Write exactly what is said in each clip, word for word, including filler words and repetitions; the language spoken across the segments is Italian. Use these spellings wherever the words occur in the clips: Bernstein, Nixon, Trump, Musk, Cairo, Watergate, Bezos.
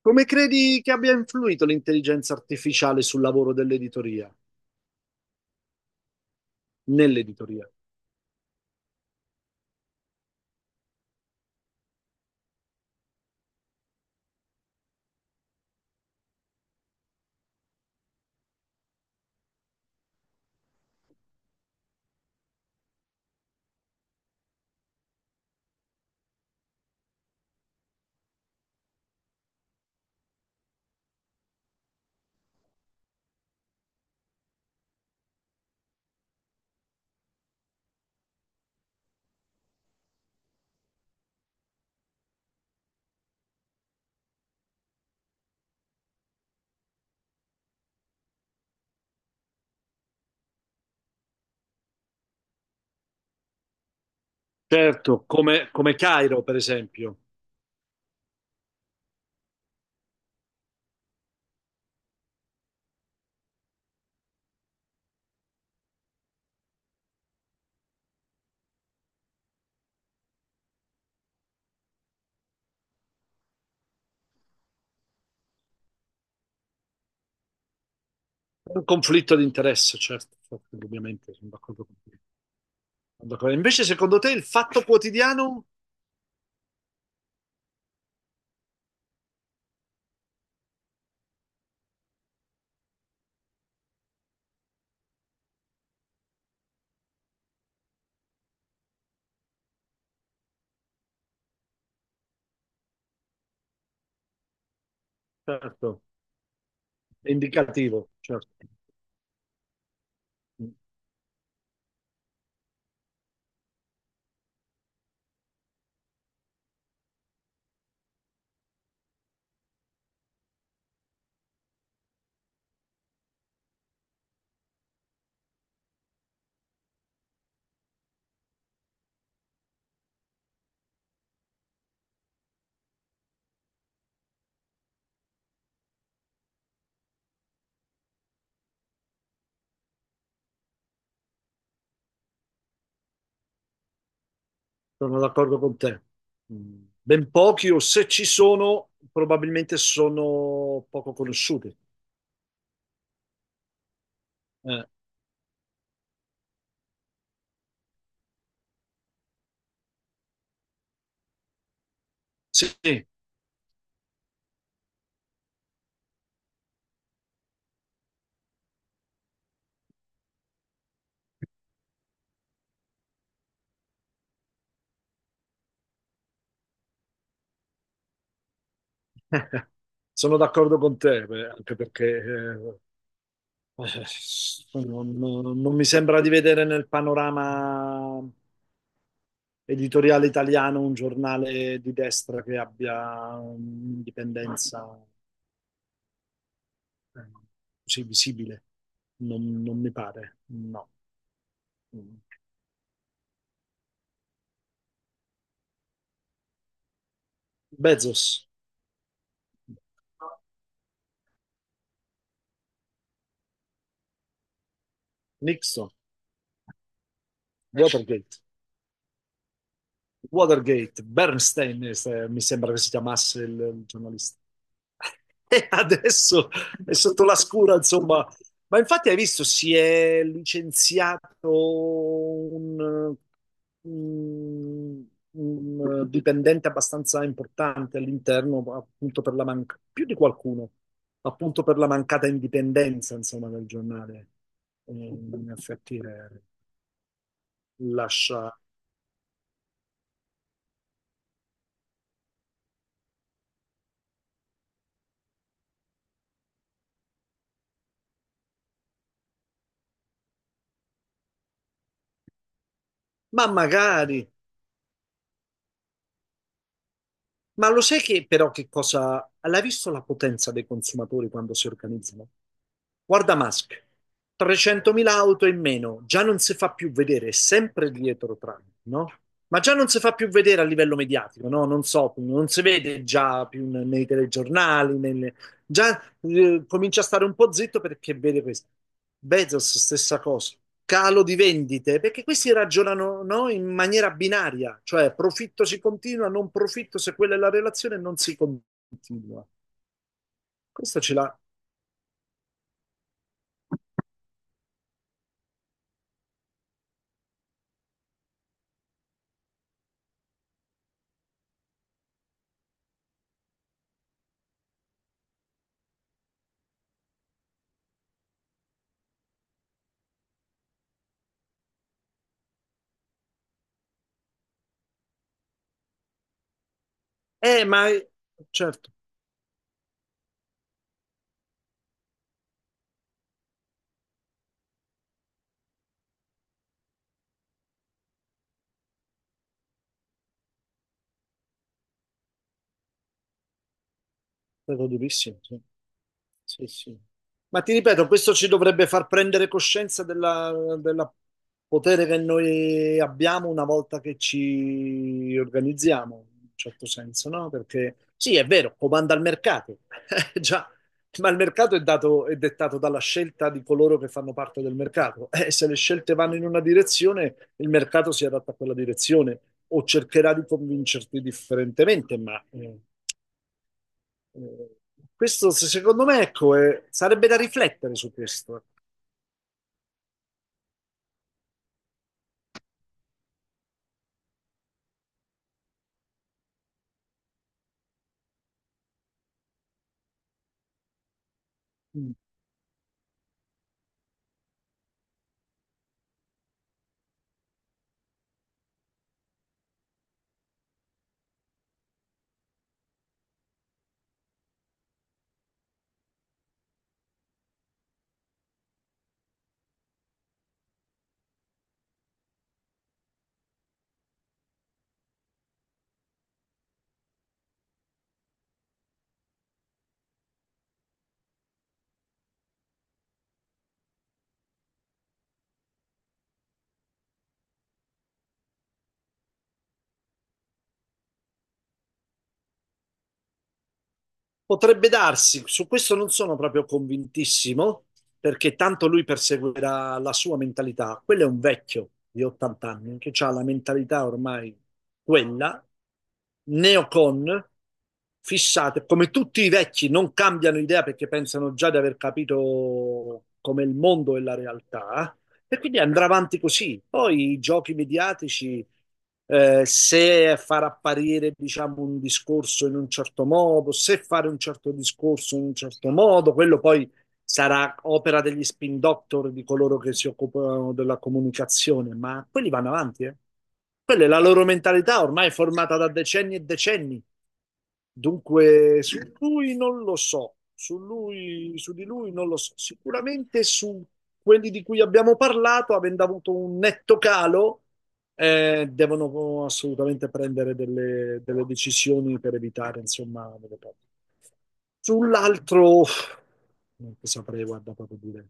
Come credi che abbia influito l'intelligenza artificiale sul lavoro dell'editoria, nell'editoria? Certo, come, come Cairo, per esempio. Un conflitto di interesse, certo, certo, ovviamente, sono d'accordo con te. Sono d'accordo. Invece, secondo te, il Fatto Quotidiano, certo, è indicativo, certo. Sono d'accordo con te. Mm, ben pochi, o se ci sono, probabilmente sono poco conosciuti. Eh, sì, sono d'accordo con te, beh, anche perché eh, Eh, non, non mi sembra di vedere nel panorama editoriale italiano un giornale di destra che abbia un'indipendenza eh, così visibile. Non, non mi pare, no. Bezos, Nixon, Watergate. Watergate, Bernstein, eh, mi sembra che si chiamasse il, il giornalista. E adesso è sotto la scura, insomma. Ma infatti hai visto, si è licenziato un, un- un dipendente abbastanza importante all'interno, appunto per la manca- più di qualcuno, appunto per la mancata indipendenza, insomma, del giornale. Eh, In effetti eh, lascia... Ma magari... Ma lo sai che però che cosa? L'hai visto la potenza dei consumatori quando si organizzano? Guarda Musk, trecentomila auto in meno, già non si fa più vedere, è sempre dietro Trump, no? Ma già non si fa più vedere a livello mediatico, no? Non so, non si vede già più n- nei telegiornali, nelle- già eh, comincia a stare un po' zitto perché vede questo. Bezos, stessa cosa, calo di vendite, perché questi ragionano, no? In maniera binaria, cioè profitto si continua, non profitto, se quella è la relazione non si continua. Questo ce l'ha. Eh, ma certo. Stato durissimo, sì. Sì, sì. Ma ti ripeto, questo ci dovrebbe far prendere coscienza della, della potere che noi abbiamo una volta che ci organizziamo, in un certo senso, no? Perché sì, è vero, comanda il mercato, eh, già, ma il mercato è dato, è dettato dalla scelta di coloro che fanno parte del mercato. E se le scelte vanno in una direzione, il mercato si adatta a quella direzione o cercherà di convincerti differentemente, ma... eh, eh, questo, se- secondo me, ecco, eh, sarebbe da riflettere su questo. Mm. Potrebbe darsi, su questo non sono proprio convintissimo, perché tanto lui perseguirà la sua mentalità. Quello è un vecchio di ottanta anni che ha la mentalità ormai quella, neocon, fissate, come tutti i vecchi non cambiano idea perché pensano già di aver capito come il mondo e la realtà. E quindi andrà avanti così. Poi i giochi mediatici, eh, se far apparire, diciamo, un discorso in un certo modo, se fare un certo discorso in un certo modo, quello poi sarà opera degli spin doctor di coloro che si occupano della comunicazione, ma quelli vanno avanti, eh. Quella è la loro mentalità ormai formata da decenni e decenni. Dunque, su lui non lo so, su lui, su di lui non lo so. Sicuramente su quelli di cui abbiamo parlato, avendo avuto un netto calo, eh, devono assolutamente prendere delle, delle decisioni per evitare, insomma, delle perdite. Sull'altro, non ti saprei, guarda, proprio dire,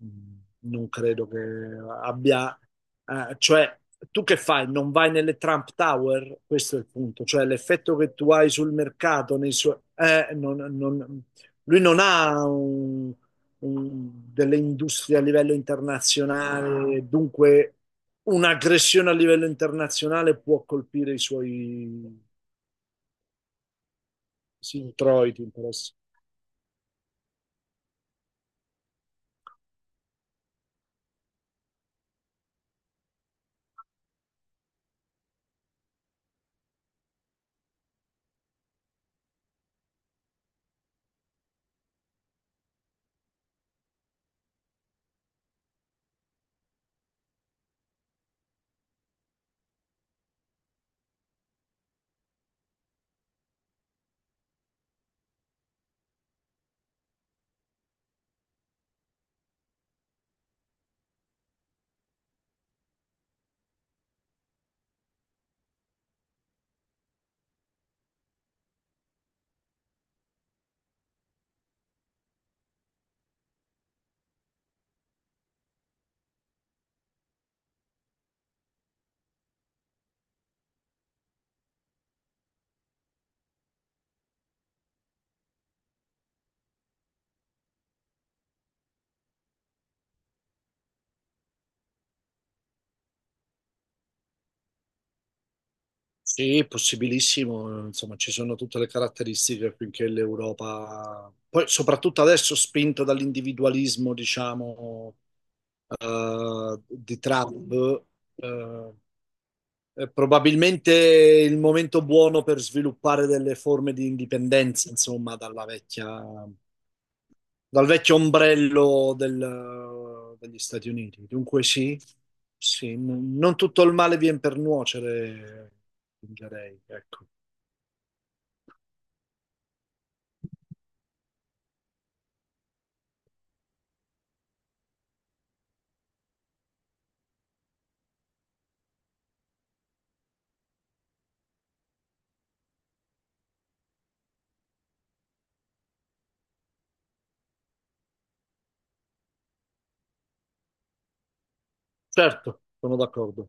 mm, non credo che abbia, eh, cioè, tu che fai? Non vai nelle Trump Tower? Questo è il punto, cioè l'effetto che tu hai sul mercato, nei suoi, eh, non- non- lui non ha un- un- delle industrie a livello internazionale, dunque un'aggressione a livello internazionale può colpire i suoi sì, introiti, interessi. Sì, possibilissimo, insomma ci sono tutte le caratteristiche affinché l'Europa, poi soprattutto adesso spinta dall'individualismo, diciamo, eh, di Trump, eh, eh, probabilmente il momento buono per sviluppare delle forme di indipendenza, insomma, dalla vecchia, dal vecchio ombrello del- degli Stati Uniti. Dunque sì, sì, n- non tutto il male viene per nuocere, direi, ecco. Certo, sono d'accordo.